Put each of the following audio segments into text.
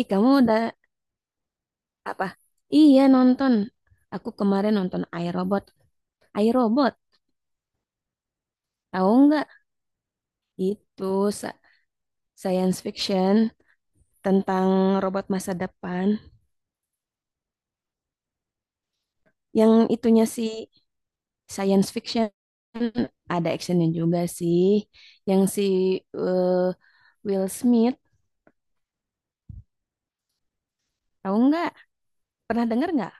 Ih, kamu udah apa? Iya, nonton. Aku kemarin nonton iRobot. iRobot, tahu nggak? Itu sa- science fiction tentang robot masa depan. Yang itunya sih science fiction ada actionnya juga sih. Yang si eh, Will Smith, tahu nggak? Pernah dengar nggak?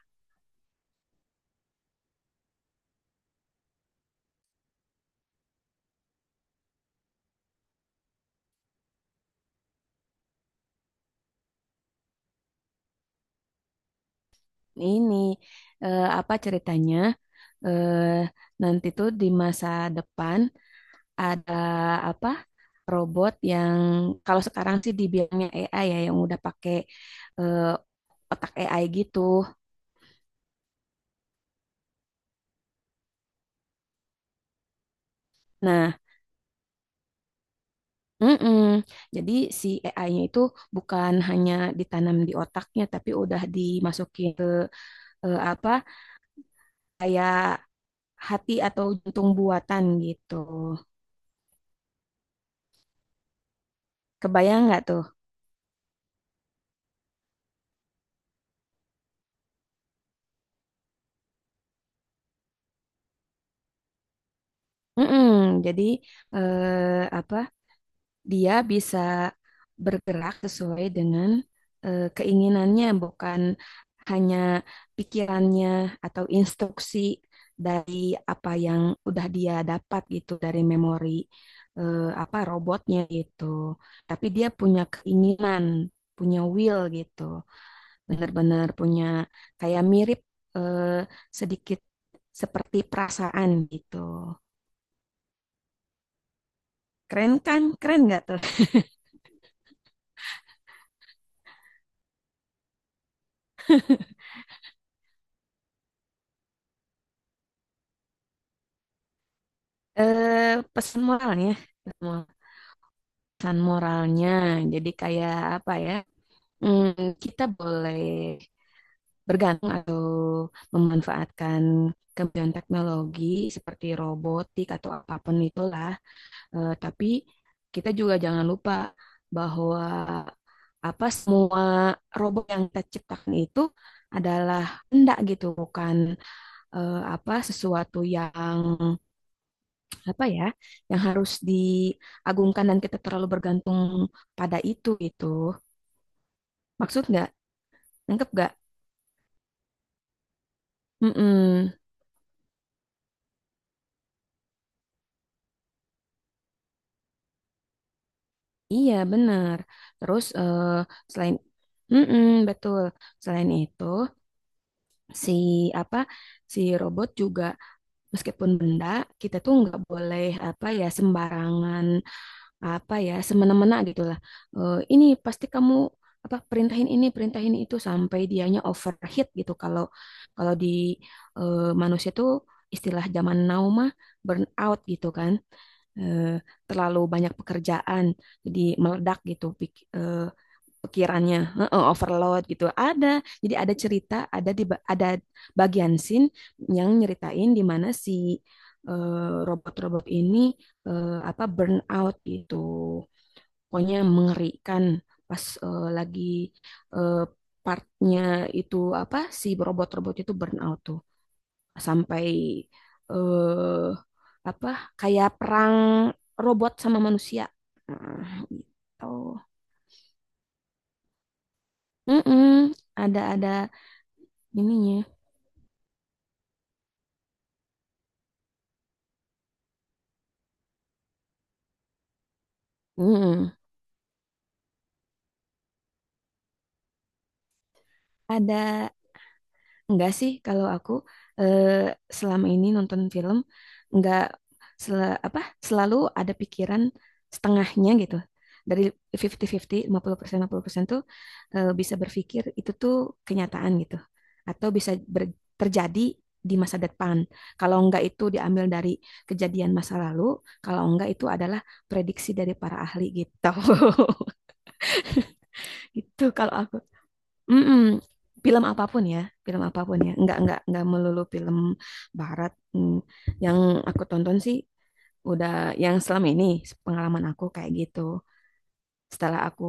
Ini apa ceritanya? eh Nanti tuh di masa depan ada apa robot yang kalau sekarang sih dibilangnya AI ya yang udah pakai eh, otak AI gitu. Nah, mm-mm. Jadi si AI-nya itu bukan hanya ditanam di otaknya, tapi udah dimasukin ke apa hati atau jantung buatan gitu. Kebayang nggak tuh? Mm-mm. Jadi apa dia bisa bergerak sesuai dengan keinginannya, bukan hanya pikirannya atau instruksi dari apa yang udah dia dapat gitu dari memori apa robotnya gitu. Tapi dia punya keinginan, punya will gitu. Benar-benar punya kayak mirip eh, sedikit seperti perasaan gitu. Keren kan? Keren nggak tuh? Pesan moralnya. Pesan moral. Pesan moralnya. Jadi kayak apa ya? mm, Kita boleh bergantung atau memanfaatkan kemajuan teknologi seperti robotik atau apapun itulah. Tapi kita juga jangan lupa bahwa apa semua robot yang kita ciptakan itu adalah hendak gitu, bukan apa sesuatu yang apa ya, yang harus diagungkan dan kita terlalu bergantung pada itu gitu. Maksud nggak? Nangkep nggak? Mm-mm. Iya, benar. Terus selain Mm-mm, betul. Selain itu, si apa si robot juga meskipun benda, kita tuh nggak boleh apa ya sembarangan apa ya semena-mena gitulah. Eh, ini pasti kamu apa perintahin ini, perintahin itu sampai dianya overheat gitu. Kalau kalau di manusia tuh istilah zaman now mah burn out gitu kan. eh, Terlalu banyak pekerjaan jadi meledak gitu pikirannya. Heeh, overload gitu ada jadi ada cerita ada di ada bagian scene yang nyeritain di mana si robot-robot ini apa burn out gitu pokoknya mengerikan pas lagi eh, partnya itu apa si robot-robot itu burn out tuh sampai eh apa kayak perang robot sama manusia. Nah, gitu. Mm-mm. Ada ininya. Mm-mm. Ada Enggak sih, kalau aku eh, selama ini nonton film enggak apa selalu ada pikiran setengahnya gitu. Dari 50-50, 50% 50% tuh bisa berpikir itu tuh kenyataan gitu. Atau bisa terjadi di masa depan. Kalau enggak itu diambil dari kejadian masa lalu, kalau enggak itu adalah prediksi dari para ahli gitu. Gitu kalau aku. Mm-mm. Film apapun ya, film apapun ya. Enggak melulu film barat. Hmm. Yang aku tonton sih udah yang selama ini pengalaman aku kayak gitu. Setelah aku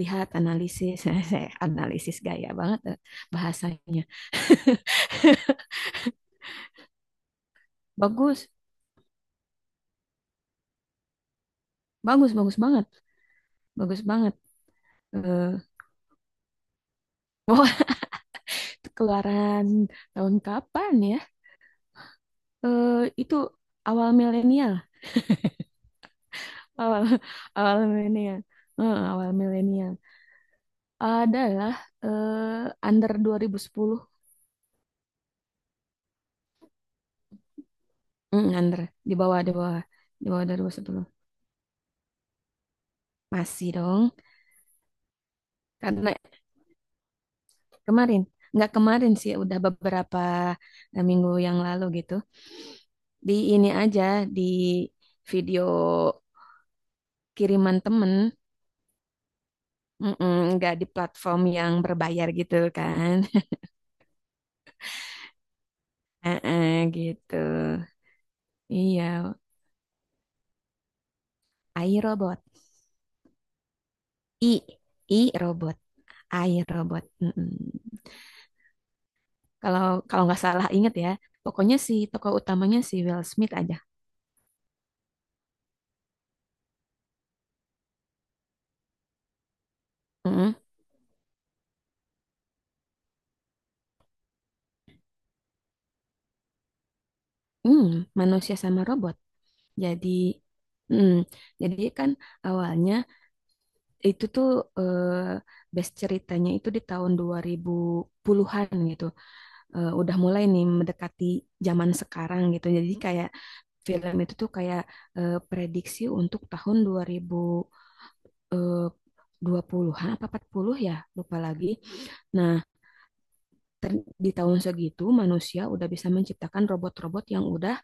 lihat analisis, saya analisis gaya banget bahasanya. Bagus, bagus, bagus banget, bagus banget. Eh, wah, keluaran tahun kapan ya? Itu awal milenial, awal awal milenial, awal milenial. Adalah under 2010. Hmm, under di bawah di bawah 2010. Masih dong. Karena kemarin, nggak kemarin sih udah beberapa minggu yang lalu gitu. Di ini aja di video kiriman temen. Mm-mm, nggak di platform yang berbayar gitu kan. Heeh, gitu. Iya, AI robot. I I robot. AI robot. Kalau kalau nggak salah inget ya, pokoknya si tokoh utamanya si Will Smith aja. Mm-mm. Hmm, manusia sama robot. Jadi, mm, jadi kan awalnya itu tuh base ceritanya itu di tahun 2010-an gitu. Eh, udah mulai nih mendekati zaman sekarang gitu. Jadi kayak film itu tuh kayak prediksi untuk tahun 2000 eh, dua 20-an apa 40 ya, lupa lagi. Nah, di tahun segitu manusia udah bisa menciptakan robot-robot yang udah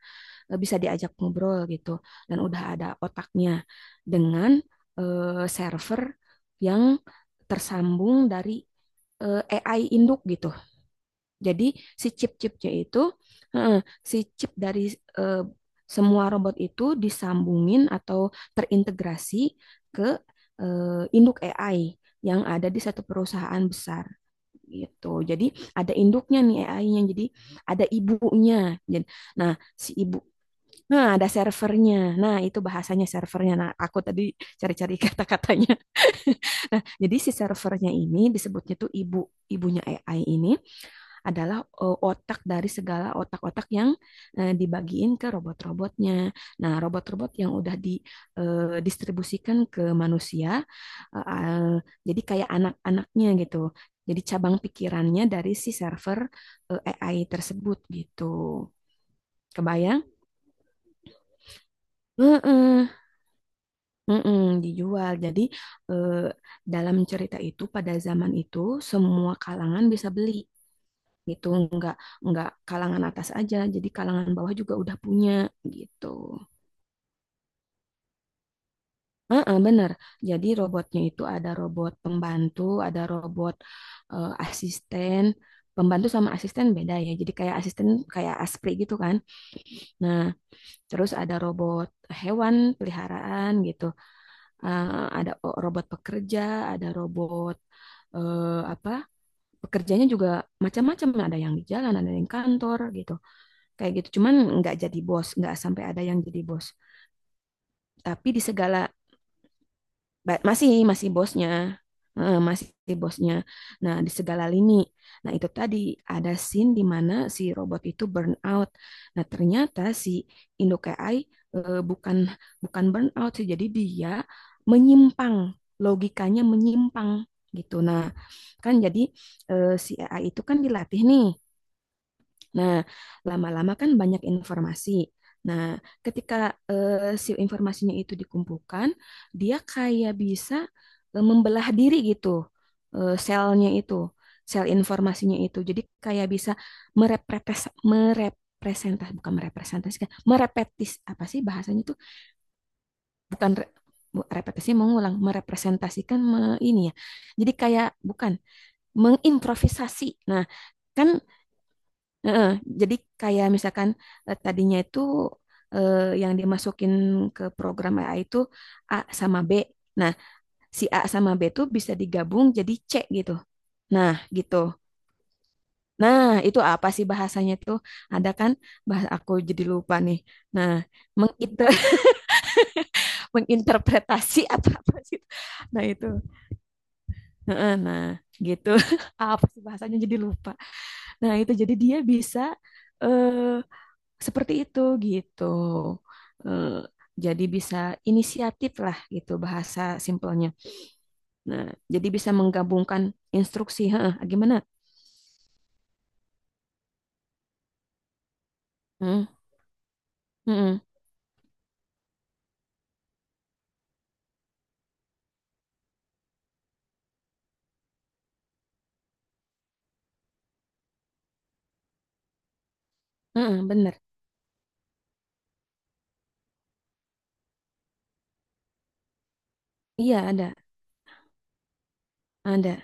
bisa diajak ngobrol gitu dan udah ada otaknya dengan server yang tersambung dari AI induk gitu. Jadi si chip-chipnya itu eh, si chip dari eh, semua robot itu disambungin atau terintegrasi ke induk AI yang ada di satu perusahaan besar gitu. Jadi ada induknya nih AI-nya. Jadi ada ibunya. Jadi nah si ibu nah ada servernya. Nah, itu bahasanya servernya. Nah, aku tadi cari-cari kata-katanya. Nah, jadi si servernya ini disebutnya tuh ibunya AI ini adalah otak dari segala otak-otak yang dibagiin ke robot-robotnya. Nah, robot-robot yang udah didistribusikan ke manusia, eh, eh, jadi kayak anak-anaknya gitu. Jadi cabang pikirannya dari si server AI tersebut gitu. Kebayang? Heeh, heeh, dijual. Jadi eh, dalam cerita itu pada zaman itu semua kalangan bisa beli. Gitu nggak nggak kalangan atas aja jadi kalangan bawah juga udah punya gitu. Heeh, bener jadi robotnya itu ada robot pembantu ada robot asisten pembantu sama asisten beda ya jadi kayak asisten kayak aspri gitu kan nah terus ada robot hewan peliharaan gitu. Eh, ada robot pekerja ada robot apa pekerjanya juga macam-macam ada yang di jalan ada yang di kantor gitu kayak gitu cuman nggak jadi bos nggak sampai ada yang jadi bos tapi di segala masih masih bosnya. Masih bosnya nah di segala lini nah itu tadi ada scene di mana si robot itu burn out nah ternyata si Indo KI bukan bukan burn out sih jadi dia menyimpang logikanya menyimpang gitu nah kan jadi si AI itu kan dilatih nih. Nah, lama-lama kan banyak informasi. Nah, ketika si informasinya itu dikumpulkan, dia kayak bisa membelah diri gitu, selnya itu, sel informasinya itu. Jadi kayak bisa merepres merepresentasi, bukan merepresentasikan, merepetis apa sih bahasanya itu? Bukan repetisi mengulang, merepresentasikan ini ya. Jadi kayak bukan mengimprovisasi. Nah, kan Heeh, jadi kayak misalkan tadinya itu eh, yang dimasukin ke program AI itu A sama B. Nah, si A sama B itu bisa digabung jadi C gitu. Nah, gitu. Nah, itu apa sih bahasanya itu? Ada kan bahasa aku jadi lupa nih. Nah, menginter menginterpretasi atau apa sih? Nah, itu. Heeh, Nah, gitu. Apa sih bahasanya jadi lupa. Nah, itu jadi dia bisa eh Seperti itu gitu. Eh, jadi bisa inisiatif lah gitu bahasa simpelnya. Nah, jadi bisa menggabungkan instruksi. Heeh, gimana? Hmm, hmm, hmm, hmm, bener. Iya ada, ada.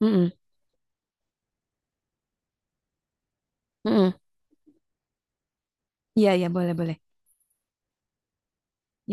Hmm, hmm, hmm. Iya iya boleh boleh.